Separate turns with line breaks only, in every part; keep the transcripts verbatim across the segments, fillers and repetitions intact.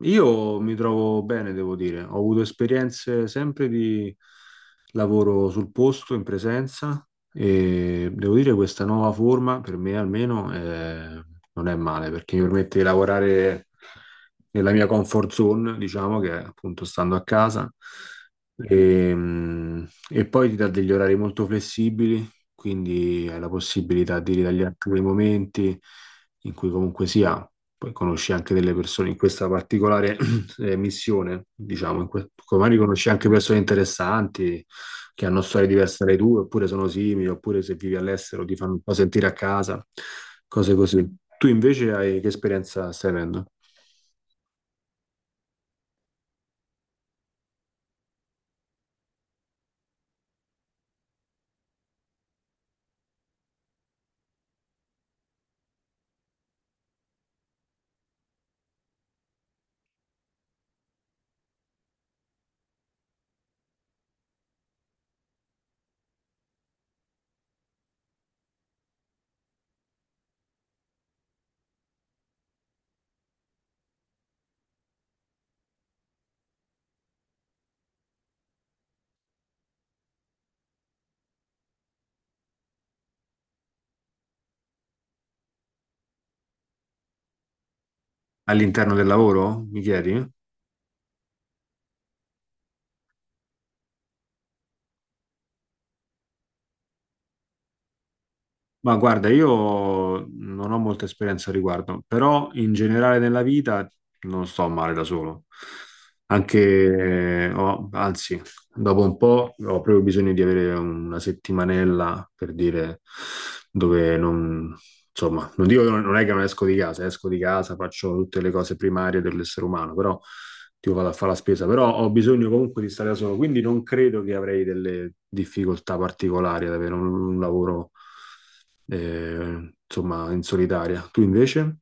Io mi trovo bene, devo dire. Ho avuto esperienze sempre di lavoro sul posto, in presenza, e devo dire che questa nuova forma, per me almeno, eh, non è male, perché mi permette di lavorare nella mia comfort zone, diciamo, che è appunto stando a casa, e, mh, e poi ti dà degli orari molto flessibili, quindi hai la possibilità di ritagliarti quei momenti in cui comunque sia poi conosci anche delle persone in questa particolare eh, missione, diciamo, in que- magari conosci anche persone interessanti che hanno storie diverse dalle tue, oppure sono simili, oppure se vivi all'estero ti fanno un po' sentire a casa, cose così. Tu invece hai che esperienza stai avendo? All'interno del lavoro, mi chiedi? Ma guarda, io non ho molta esperienza al riguardo, però in generale nella vita non sto male da solo. Anche, ho- anzi, dopo un po' ho proprio bisogno di avere una settimanella per dire dove non, insomma, non dico che non, non è che non esco di casa, esco di casa, faccio tutte le cose primarie dell'essere umano, però tipo vado a fare la spesa, però ho bisogno comunque di stare da solo, quindi non credo che avrei delle difficoltà particolari ad avere un un lavoro eh, insomma, in solitaria. Tu invece?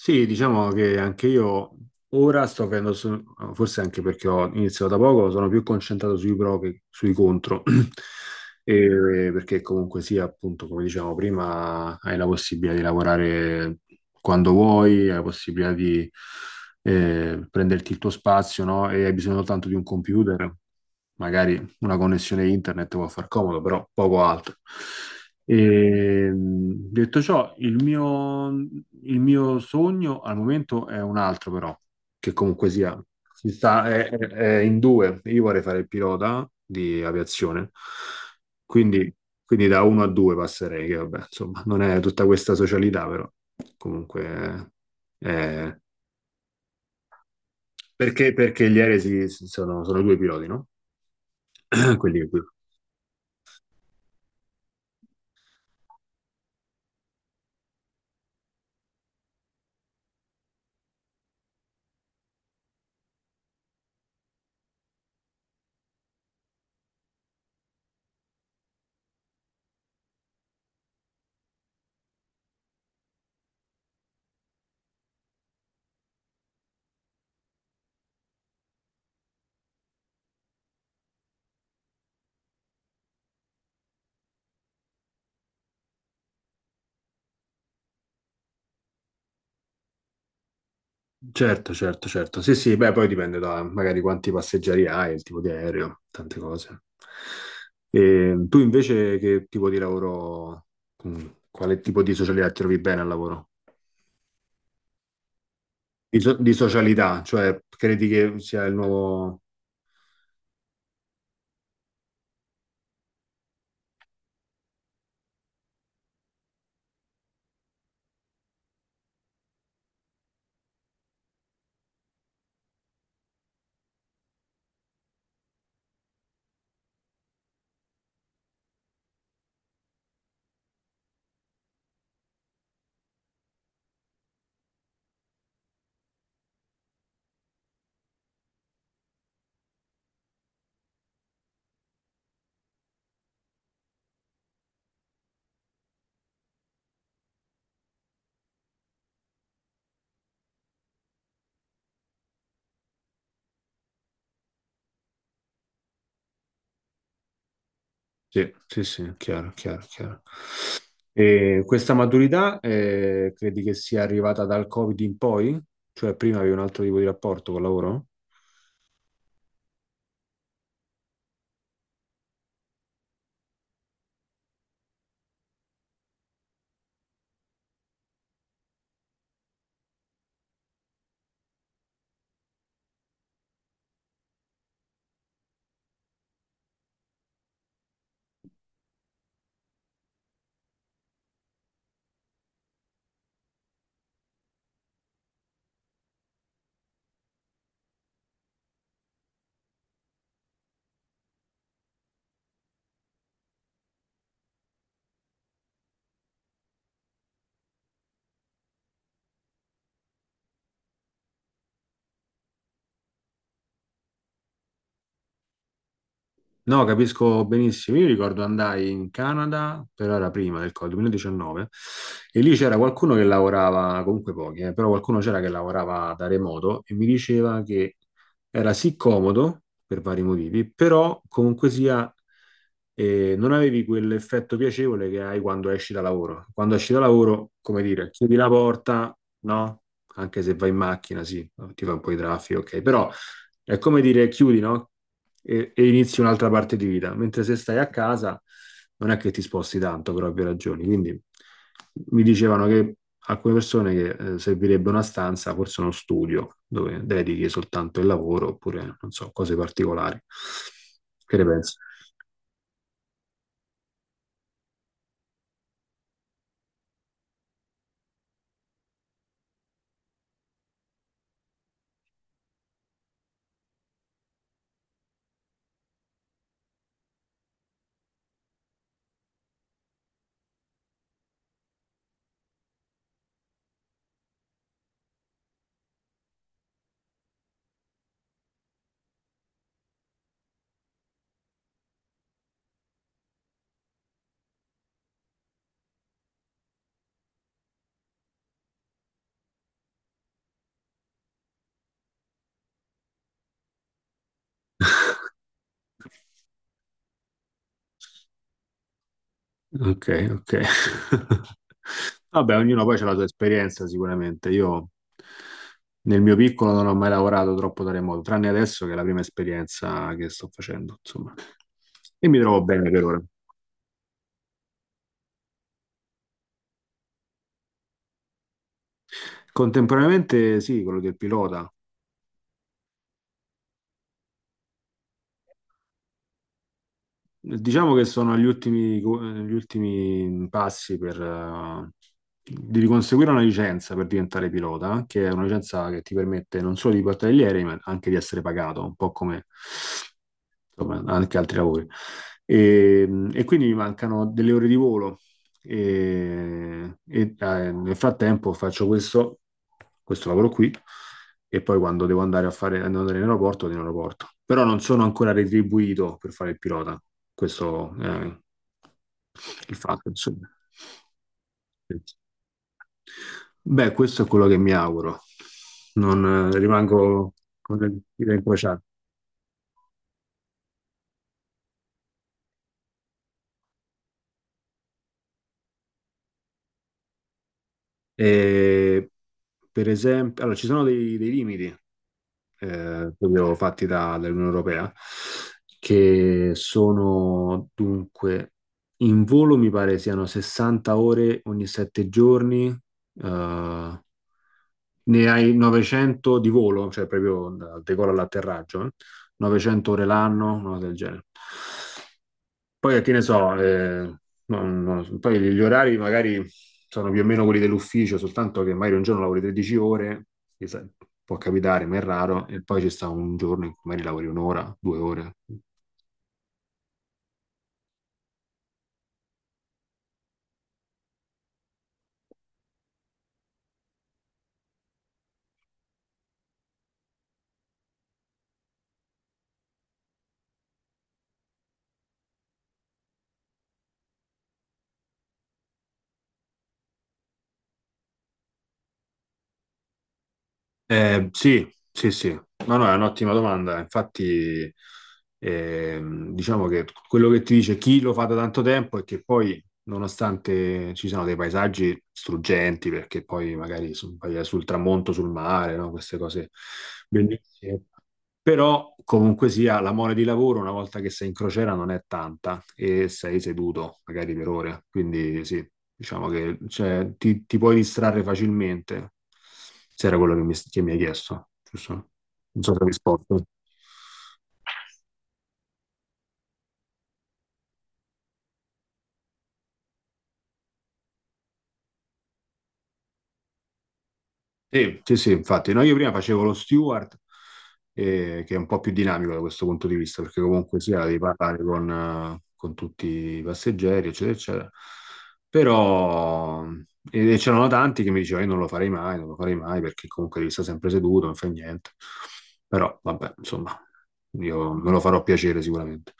Sì, diciamo che anche io ora sto avendo, so- forse anche perché ho iniziato da poco, sono più concentrato sui pro che sui contro. E- perché comunque sia, appunto, come dicevamo prima, hai la possibilità di lavorare quando vuoi, hai la possibilità di eh, prenderti il tuo spazio, no? E hai bisogno soltanto di un computer, magari una connessione internet può far comodo, però poco altro. E, mh, detto ciò, il mio, il mio sogno al momento è un altro, però, che comunque sia, si sta, è, è- è in due. Io vorrei fare il pilota di aviazione, quindi, quindi da uno a due passerei, che vabbè, insomma, non è tutta questa socialità, però comunque... eh, perché, perché gli aerei si- sono, sono due piloti, no? Quelli che guidano. Certo, certo, certo. Sì, sì, beh, poi dipende da magari quanti passeggeri hai, il tipo di aereo, tante cose. E tu invece che tipo di lavoro, mm, quale tipo di socialità ti trovi bene al lavoro? Di, so- di socialità, cioè credi che sia il nuovo... Sì, sì, sì, chiaro, chiaro, chiaro. E questa maturità eh, credi che sia arrivata dal Covid in poi? Cioè prima avevi un altro tipo di rapporto col lavoro? No, capisco benissimo. Io ricordo andai in Canada, però era prima del Covid, duemiladiciannove, e lì c'era qualcuno che lavorava, comunque pochi, eh, però qualcuno c'era che lavorava da remoto e mi diceva che era sì comodo per vari motivi, però comunque sia eh, non avevi quell'effetto piacevole che hai quando esci da lavoro. Quando esci da lavoro, come dire, chiudi la porta, no? Anche se vai in macchina, sì, ti fa un po' di traffico, ok, però è come dire chiudi, no? e, e inizi un'altra parte di vita. Mentre se stai a casa non è che ti sposti tanto per ovvie ragioni. Quindi mi dicevano che alcune persone che eh, servirebbe una stanza, forse uno studio dove dedichi soltanto il lavoro oppure non so, cose particolari. Che ne pensi? Ok, ok. Vabbè, ognuno poi ha la sua esperienza sicuramente. Io nel mio piccolo non ho mai lavorato troppo da remoto, tranne adesso che è la prima esperienza che sto facendo, insomma. E mi trovo bene per ora. Contemporaneamente sì, quello del pilota. Diciamo che sono agli ultimi, gli ultimi passi per, eh, di conseguire una licenza per diventare pilota, che è una licenza che ti permette non solo di portare gli aerei, ma anche di essere pagato, un po' come insomma, anche altri lavori. E, e quindi mi mancano delle ore di volo. E, e, eh, nel frattempo faccio questo, questo lavoro qui e poi quando devo andare a fare andare in aeroporto, vado in aeroporto. Però non sono ancora retribuito per fare il pilota. Questo è il fatto, insomma. Beh, questo è quello che mi auguro. Non eh, rimango con le dita incrociate. E, per esempio, allora, ci sono dei, dei limiti. eh, proprio fatti da- dall'Unione Europea, che sono dunque in volo mi pare siano sessanta ore ogni sette giorni, eh, ne hai novecento di volo, cioè proprio dal decollo all'atterraggio, eh, novecento ore l'anno, una cosa del genere. Poi che ne so, eh, non- non- poi gli orari magari sono più o meno quelli dell'ufficio, soltanto che magari un giorno lavori tredici ore, che sa- può capitare, ma è raro, e poi ci sta un giorno in cui magari lavori un'ora, due ore. Eh, sì, sì, sì, no, no, è un'ottima domanda. Infatti, ehm, diciamo che quello che ti dice chi lo fa da tanto tempo è che poi, nonostante ci siano dei paesaggi struggenti, perché poi magari su- vai sul tramonto, sul mare, no? Queste cose bellissime. Però comunque sia, la mole di lavoro una volta che sei in crociera non è tanta e sei seduto magari per ore, quindi sì, diciamo che cioè, ti, ti puoi distrarre facilmente, se era quello che mi, che mi hai chiesto, giusto? Non so se ho risposto. Sì, sì, sì, infatti, no, io prima facevo lo steward, eh, che è un po' più dinamico da questo punto di vista, perché comunque sia devi parlare con, eh, con tutti i passeggeri, eccetera, eccetera. Però e e c'erano tanti che mi dicevano, io non lo farei mai, non lo farei mai, perché comunque devi stare sempre seduto, non fai niente. Però, vabbè, insomma, io me lo farò piacere sicuramente.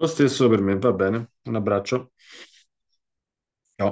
Lo stesso per me, va bene, un abbraccio. Ciao.